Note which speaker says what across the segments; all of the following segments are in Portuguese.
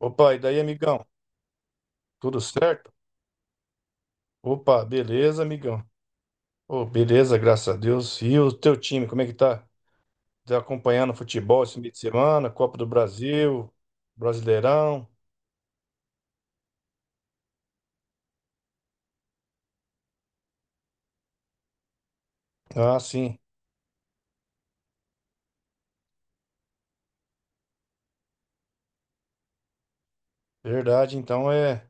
Speaker 1: Opa, e daí, amigão? Tudo certo? Opa, beleza, amigão. Ô, beleza, graças a Deus. E o teu time, como é que tá? Tá acompanhando o futebol esse meio de semana? Copa do Brasil, Brasileirão? Ah, sim, verdade. Então é.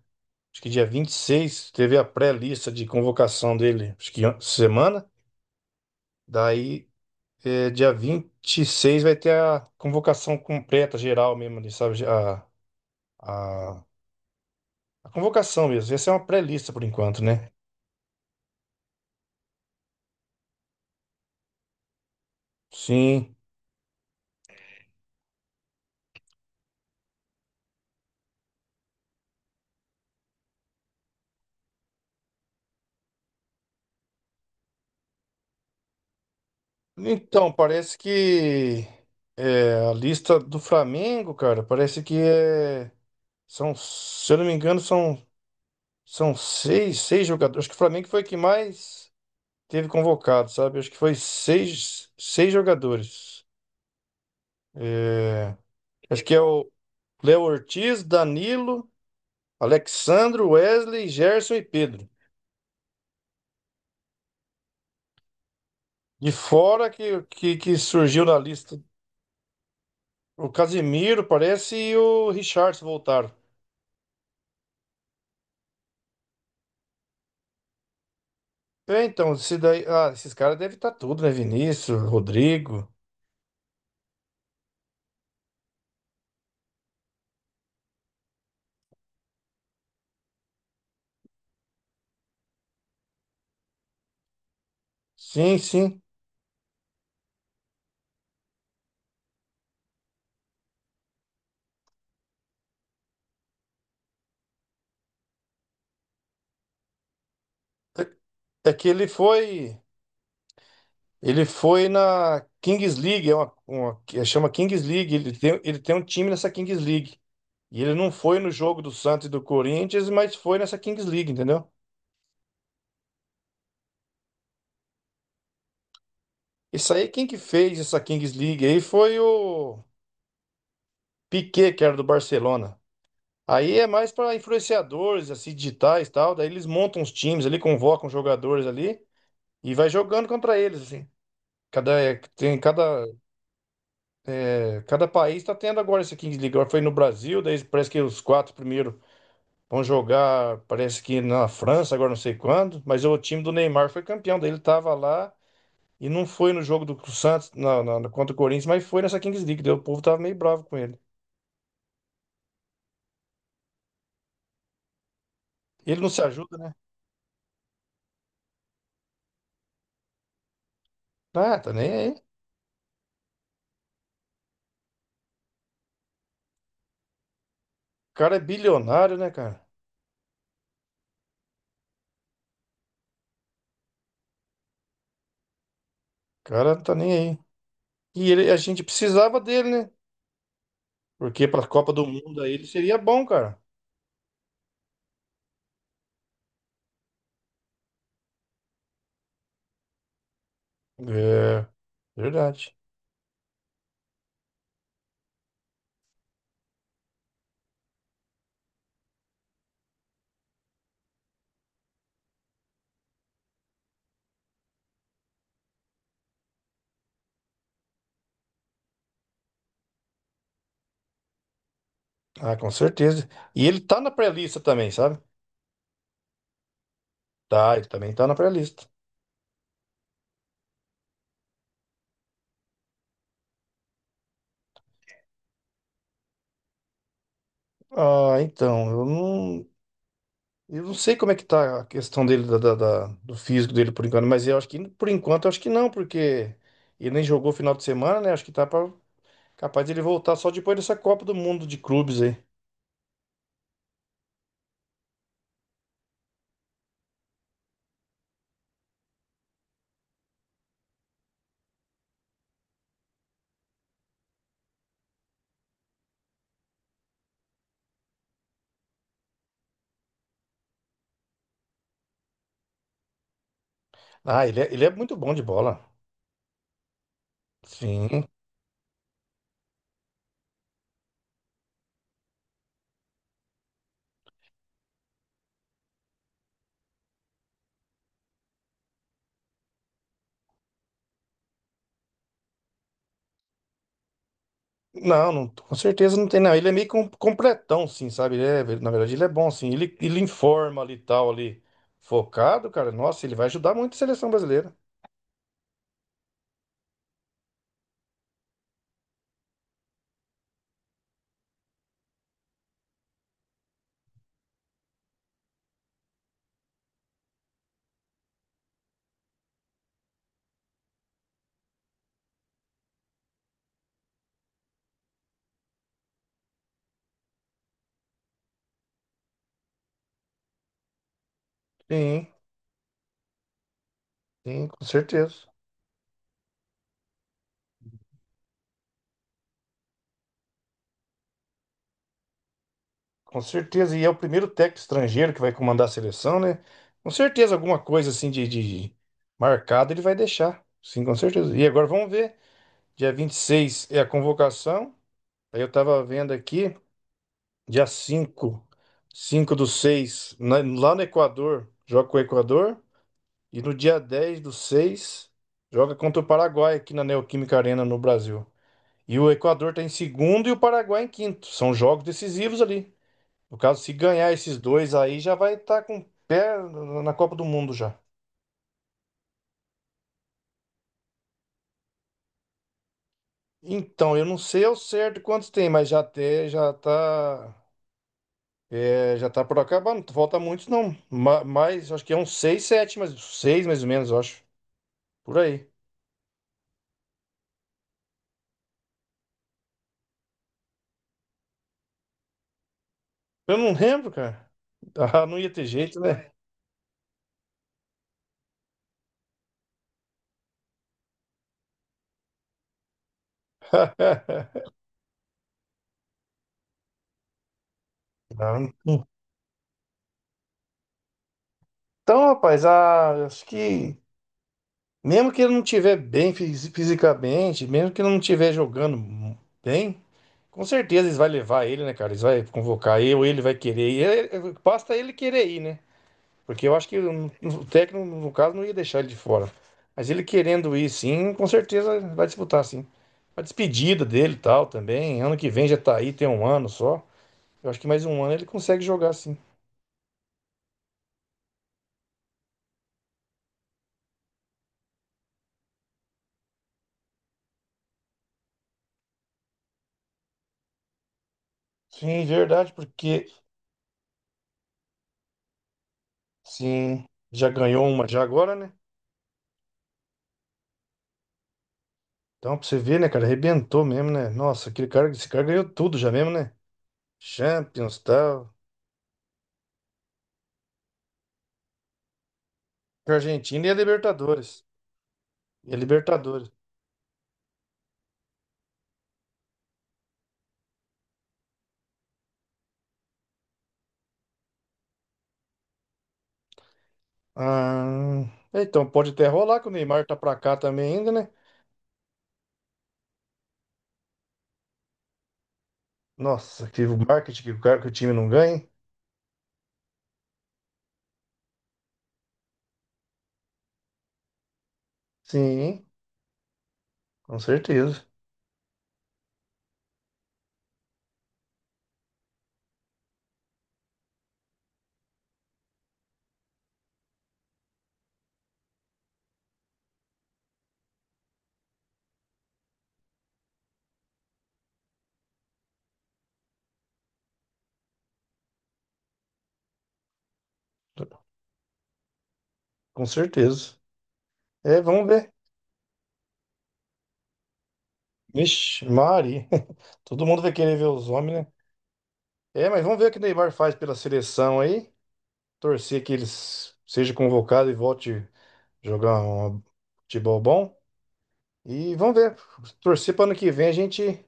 Speaker 1: Acho que dia 26 teve a pré-lista de convocação dele, acho que semana. Daí, dia 26 vai ter a convocação completa, geral mesmo, ali, sabe? A, a convocação mesmo. Essa é uma pré-lista por enquanto, né? Sim. Então, parece que a lista do Flamengo, cara, parece que são, se eu não me engano, são seis jogadores. Acho que o Flamengo foi que mais teve convocado, sabe? Acho que foi seis jogadores. É, acho que é o Léo Ortiz, Danilo, Alexandro, Wesley, Gerson e Pedro. De fora que surgiu na lista o Casimiro, parece, e o Richarlison voltaram. É, então, esse daí, esses caras devem estar tudo, né? Vinícius, Rodrigo. Sim, sim. É que ele foi na Kings League, é que chama Kings League. Ele tem um time nessa Kings League. E ele não foi no jogo do Santos e do Corinthians, mas foi nessa Kings League, entendeu? Isso aí, quem que fez essa Kings League aí foi o Piquet, que era do Barcelona. Aí é mais para influenciadores, assim, digitais e tal. Daí eles montam os times ali, convocam os jogadores ali e vai jogando contra eles, assim. Cada, é, tem, cada, é, cada país está tendo agora essa Kings League. Agora foi no Brasil, daí parece que os quatro primeiros vão jogar, parece que na França, agora não sei quando. Mas o time do Neymar foi campeão, daí ele estava lá e não foi no jogo do Santos contra o Corinthians, mas foi nessa Kings League. Daí o povo tava meio bravo com ele. Ele não se ajuda, né? Ah, tá nem aí. O cara é bilionário, né, cara? O cara não tá nem aí. E ele, a gente precisava dele, né? Porque para a Copa do Mundo aí ele seria bom, cara. É, verdade. Ah, com certeza. E ele tá na pré-lista também, sabe? Tá, ele também tá na pré-lista. Ah, então, eu não sei como é que tá a questão dele, do físico dele por enquanto, mas eu acho que, por enquanto, eu acho que não, porque ele nem jogou final de semana, né? Acho que tá capaz de ele voltar só depois dessa Copa do Mundo de clubes aí. Ah, ele é muito bom de bola. Sim. Não, não, com certeza não tem, não. Ele é meio completão, sim, sabe? Na verdade, ele é bom, sim. Ele informa ali e tal, ali, focado, cara. Nossa, ele vai ajudar muito a seleção brasileira. Sim, sim, com certeza. Com certeza. E é o primeiro técnico estrangeiro que vai comandar a seleção, né? Com certeza, alguma coisa assim de marcado ele vai deixar. Sim, com certeza. E agora vamos ver. Dia 26 é a convocação. Aí eu tava vendo aqui. Dia cinco do 6, né? Lá no Equador, joga com o Equador. E no dia 10 do 6 joga contra o Paraguai aqui na Neoquímica Arena no Brasil. E o Equador tá em segundo e o Paraguai em quinto. São jogos decisivos ali. No caso, se ganhar esses dois aí, já vai estar com o pé na Copa do Mundo já. Então, eu não sei ao certo quantos tem, mas já tem, já tá, já tá por acabando. Falta muitos não. Mas acho que é uns 6 7 mas 6 mais ou menos, eu acho. Por aí. Eu não lembro, cara. Ah, não ia ter jeito, né? Não. Então, rapaz, acho que mesmo que ele não estiver bem fisicamente, mesmo que ele não estiver jogando bem, com certeza eles vão levar ele, né, cara? Eles vão convocar ele, ou ele vai querer ir. É, é, basta ele querer ir, né? Porque eu acho que o técnico, no caso, não ia deixar ele de fora. Mas ele querendo ir, sim, com certeza vai disputar, sim. A despedida dele e tal também. Ano que vem já tá aí, tem um ano só. Eu acho que mais um ano ele consegue jogar, sim. Sim, verdade, porque sim, já ganhou uma já agora, né? Então, pra você ver, né, cara, arrebentou mesmo, né? Nossa, aquele cara, esse cara ganhou tudo já mesmo, né? Champions, tal. Argentina e a Libertadores. E a Libertadores. Ah, então pode até rolar que o Neymar tá pra cá também ainda, né? Nossa, que o marketing que o cara que o time não ganha, hein? Sim, com certeza. Com certeza. É, vamos ver. Vixe, Mari. Todo mundo vai querer ver os homens, né? É, mas vamos ver o que o Neymar faz pela seleção aí. Torcer que ele seja convocado e volte jogar um futebol bom. E vamos ver. Torcer para ano que vem a gente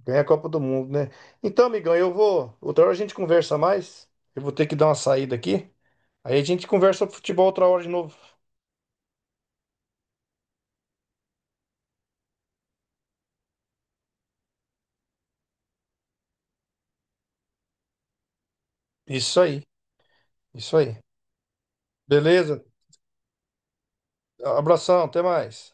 Speaker 1: ganhar a Copa do Mundo, né? Então, amigão, eu vou. Outra hora a gente conversa mais. Eu vou ter que dar uma saída aqui. Aí a gente conversa sobre futebol outra hora de novo. Isso aí, isso aí. Beleza? Abração, até mais.